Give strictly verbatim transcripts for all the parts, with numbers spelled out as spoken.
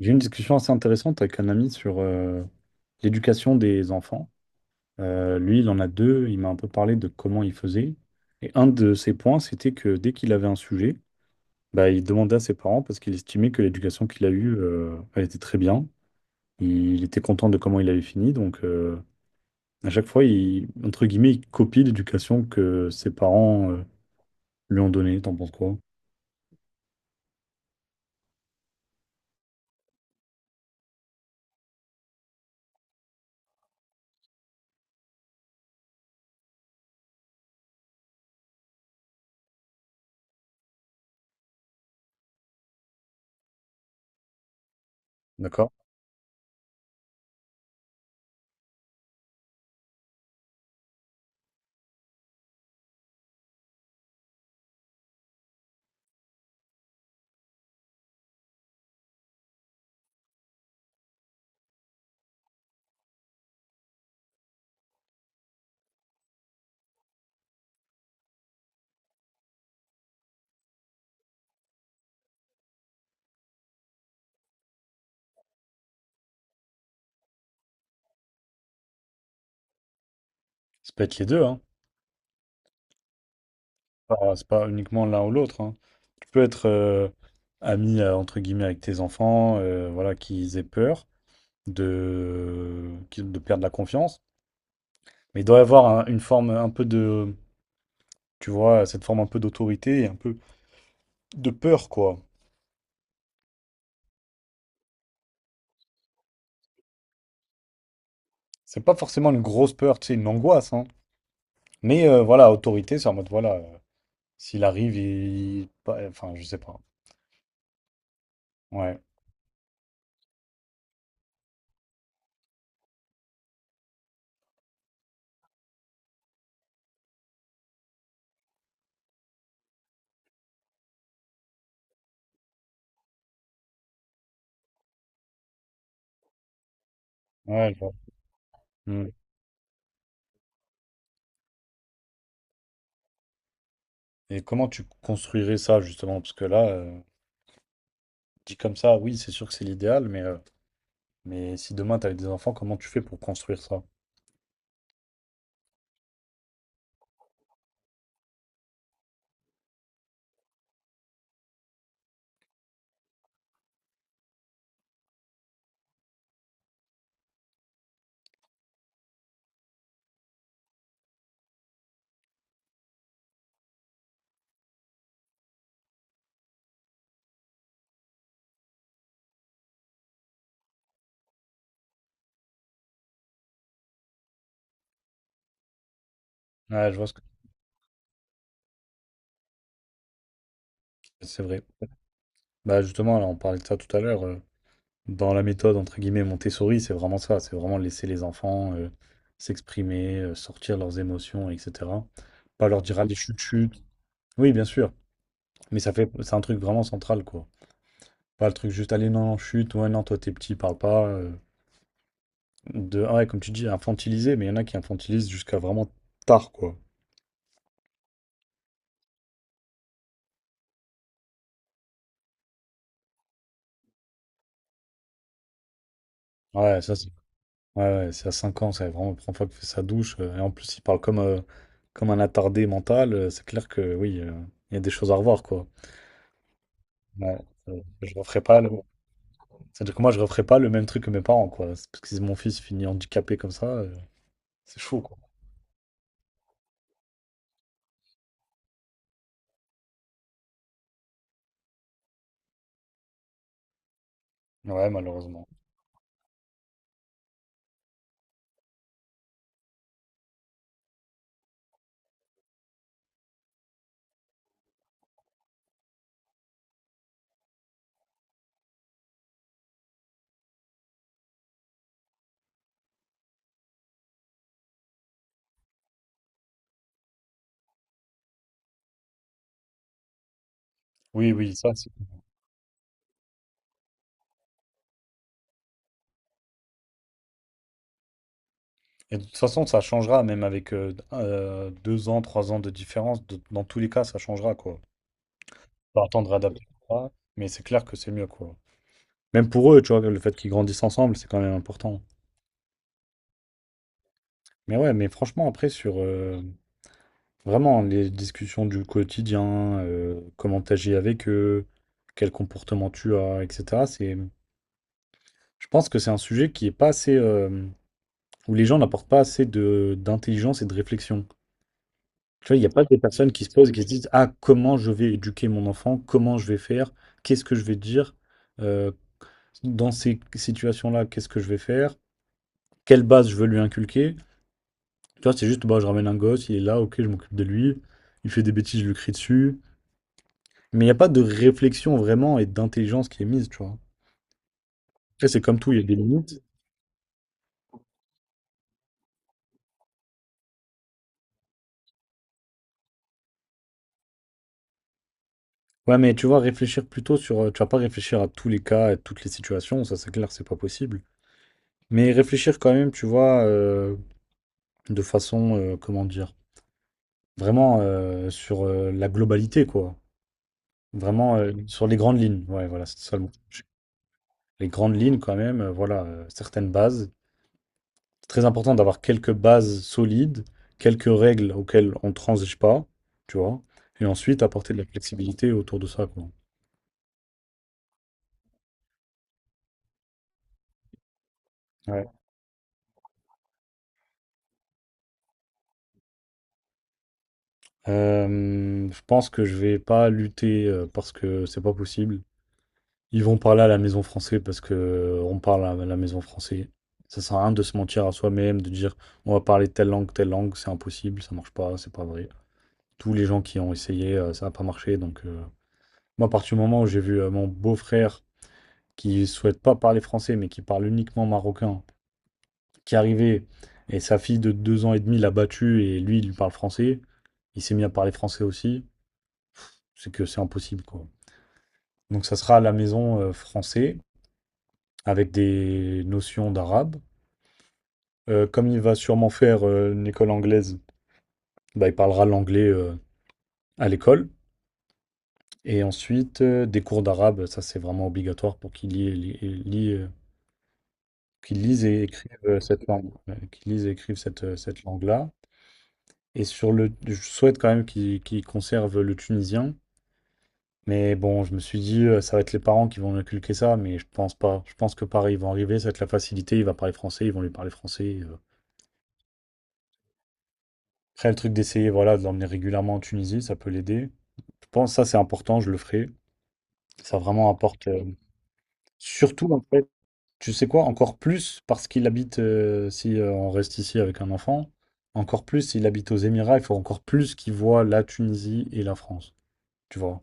J'ai eu une discussion assez intéressante avec un ami sur euh, l'éducation des enfants. Euh, lui, il en a deux. Il m'a un peu parlé de comment il faisait. Et un de ses points, c'était que dès qu'il avait un sujet, bah, il demandait à ses parents parce qu'il estimait que l'éducation qu'il a eue, euh, elle était très bien. Il était content de comment il avait fini. Donc, euh, à chaque fois, il, entre guillemets, il copie l'éducation que ses parents, euh, lui ont donnée. T'en penses quoi? D'accord. Ça peut être les deux, hein. pas, C'est pas uniquement l'un ou l'autre, hein. Tu peux être euh, ami euh, entre guillemets avec tes enfants, euh, voilà, qu'ils aient peur de, qu'ils- de perdre la confiance. Mais il doit y avoir un- une forme un peu de, tu vois, cette forme un peu d'autorité et un peu de peur, quoi. C'est pas forcément une grosse peur, tu sais, une angoisse, hein. Mais euh, voilà, autorité, c'est en mode, voilà, euh, s'il arrive, il... pas- enfin, je sais pas. Ouais, ouais, je vois. Mm. Et comment tu construirais ça, justement? Parce que là, euh, dit comme ça, oui, c'est sûr que c'est l'idéal, mais... euh, mais si demain t'avais des enfants, comment tu fais pour construire ça? Ah, je vois ce que tu- c'est vrai. Bah justement, là, on parlait de ça tout à l'heure. Euh, dans la méthode entre guillemets Montessori, c'est vraiment ça. C'est vraiment laisser les enfants euh, s'exprimer, euh, sortir leurs émotions, et cetera. Pas leur dire allez chute chute. Oui, bien sûr. Mais ça fait, c'est un truc vraiment central, quoi. Pas le truc juste allez non non chute. Ouais, non, toi t'es petit, parle pas. Euh, de ah ouais Comme tu dis infantiliser, mais il y en a qui infantilisent jusqu'à vraiment tard, quoi. Ouais ça c'est Ouais, ouais, c'est à cinq ans, c'est vraiment la première fois qu'il fait sa douche. euh, Et en plus, il parle comme, euh, comme un attardé mental. euh, C'est clair que oui, euh, il y a des choses à revoir, quoi. Ouais, euh, je referai pas le... C'est-à-dire que moi, je referai pas le même truc que mes parents, quoi. C'est Parce que si mon fils finit handicapé comme ça, euh, c'est chaud, quoi. Ouais, malheureusement. Oui, oui, ça, c'est- Et de toute façon, ça changera, même avec euh, euh, deux ans, trois ans de différence. de- Dans tous les cas, ça changera, quoi. Faut attendre adapter, mais c'est clair que c'est mieux, quoi. Même pour eux, tu vois, le fait qu'ils grandissent ensemble, c'est quand même important. Mais ouais, mais franchement, après, sur euh, vraiment les discussions du quotidien, euh, comment t'agis avec eux, quel comportement tu as, et cetera, c'est, je pense que c'est un sujet qui est pas assez, euh, où les gens n'apportent pas assez de, d'intelligence et de réflexion. Tu vois, il n'y a pas des personnes qui se posent et qui se disent, ah, comment je vais éduquer mon enfant, comment je vais faire, qu'est-ce que je vais dire, euh, dans ces situations-là, qu'est-ce que je vais faire, quelle base je veux lui inculquer. Tu vois, c'est juste, bah, je ramène un gosse, il est là, ok, je m'occupe de lui. Il fait des bêtises, je lui crie dessus. Mais il n'y a pas de réflexion vraiment et d'intelligence qui est mise, tu vois. Après, c'est comme tout, il y a des limites. Ouais, mais tu vois, réfléchir plutôt sur. euh, Tu vas pas réfléchir à tous les cas, à toutes les situations, ça c'est clair, c'est pas possible. Mais réfléchir quand même, tu vois, euh, de façon, euh, comment dire, vraiment euh, sur euh, la globalité, quoi. Vraiment euh, sur les grandes lignes. Ouais, voilà, c'est ça le mot. Les grandes lignes quand même, euh, voilà, euh, certaines bases. C'est très important d'avoir quelques bases solides, quelques règles auxquelles on ne transige pas, tu vois, et ensuite apporter de la flexibilité autour de ça, quoi. Ouais. Euh, je pense que je vais pas lutter, euh, parce que c'est pas possible. Ils vont parler à la maison française parce que euh, on parle à la maison française. Ça sert à rien de se mentir à soi-même, de dire on va parler telle langue, telle langue, c'est impossible, ça marche pas, c'est pas vrai. Tous les gens qui ont essayé, euh, ça n'a pas marché. Donc, euh, moi, à partir du moment où j'ai vu euh, mon beau-frère qui ne souhaite pas parler français, mais qui parle uniquement marocain, qui est arrivé et sa fille de deux ans et demi l'a battu et lui, il lui parle français. Il s'est mis à parler français aussi. C'est que c'est impossible, quoi. Donc ça sera à la maison euh, français avec des notions d'arabe. Euh, comme il va sûrement faire euh, une école anglaise, bah, il parlera l'anglais euh, à l'école. Et ensuite, euh, des cours d'arabe, ça c'est vraiment obligatoire pour qu'il y ait- li- lit, euh, qu'il lise et écrive euh, cette langue, ouais, qu'il lise et écrive cette, euh, cette langue-là. Et sur le, je souhaite quand même qu'ils qu'ils conservent le tunisien. Mais bon, je me suis dit, euh, ça va être les parents qui vont lui inculquer ça, mais je pense pas. Je pense que pareil, ils vont arriver, ça va être la facilité, il va parler français, ils vont lui parler français. euh. Après, le truc d'essayer, voilà, de l'emmener régulièrement en Tunisie, ça peut l'aider. Je pense que ça, c'est important, je le ferai. Ça vraiment apporte. euh, Surtout, en fait, tu sais quoi, encore plus, parce qu'il habite, euh, si euh, on reste ici avec un enfant, encore plus, s'il habite aux Émirats, il faut encore plus qu'il voit la Tunisie et la France. Tu vois.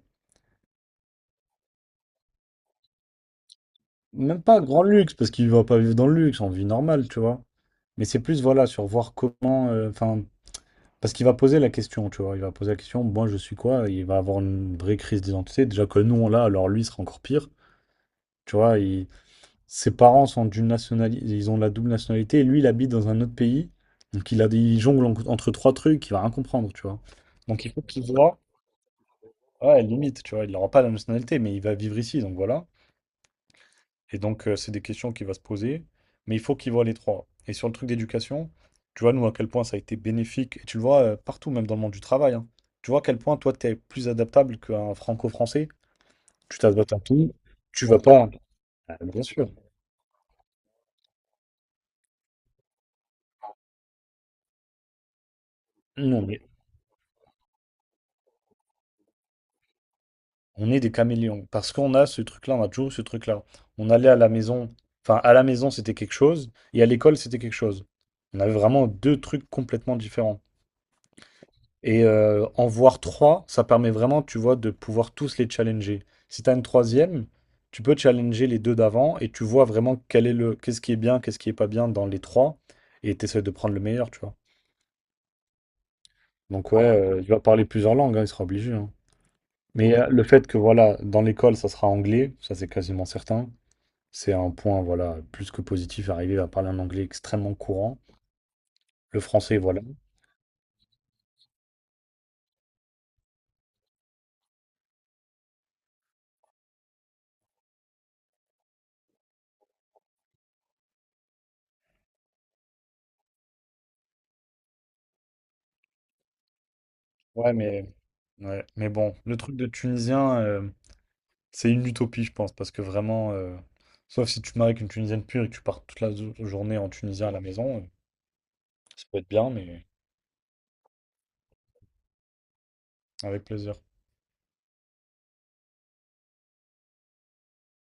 Même pas grand luxe, parce qu'il va pas vivre dans le luxe, en vie normale, tu vois. Mais c'est plus, voilà, sur voir comment. euh, Enfin, parce qu'il va poser la question, tu vois. Il va poser la question, moi, je suis quoi? Il va avoir une vraie crise d'identité. Déjà que nous, on l'a, alors lui, il sera encore pire. Tu vois, il- ses parents sont d'une nationalité, ils ont la double nationalité, et lui, il habite dans un autre pays. Donc, il a des... il jongle en- entre trois trucs, il va rien comprendre, tu vois. Donc, il faut qu'il voit, ouais, limite, tu vois. Il n'aura pas la nationalité, mais il va vivre ici, donc voilà. Et donc, euh, c'est des questions qu'il va se poser, mais il faut qu'il voit les trois. Et sur le truc d'éducation, tu vois, nous, à quel point ça a été bénéfique, et tu le vois euh, partout, même dans le monde du travail, hein. Tu vois à quel point toi, tu es plus adaptable qu'un franco-français. Tu t'adaptes à tout, tu vas pas. Ah, bien sûr. Non, mais on est des caméléons, parce qu'on a ce truc-là, on a toujours eu ce truc-là. On allait à la maison, enfin, à la maison, c'était quelque chose, et à l'école, c'était quelque chose. On avait vraiment deux trucs complètement différents. Et euh, en voir trois, ça permet vraiment, tu vois, de pouvoir tous les challenger. Si tu as une troisième, tu peux challenger les deux d'avant et tu vois vraiment quel est le, qu'est-ce qui est bien, qu'est-ce qui est pas bien dans les trois et tu essaies de prendre le meilleur, tu vois. Donc ouais, euh, il va parler plusieurs langues, hein, il sera obligé, hein. Mais euh, le fait que, voilà, dans l'école, ça sera anglais, ça c'est quasiment certain. C'est un point, voilà, plus que positif. Arriver à parler un anglais extrêmement courant. Le français, voilà. Ouais, mais, ouais, mais bon, le truc de Tunisien, euh, c'est une utopie, je pense, parce que vraiment, euh, sauf si tu te maries avec une Tunisienne pure et que tu pars toute la zo- journée en Tunisien à la maison, euh, ça peut être bien, mais avec plaisir.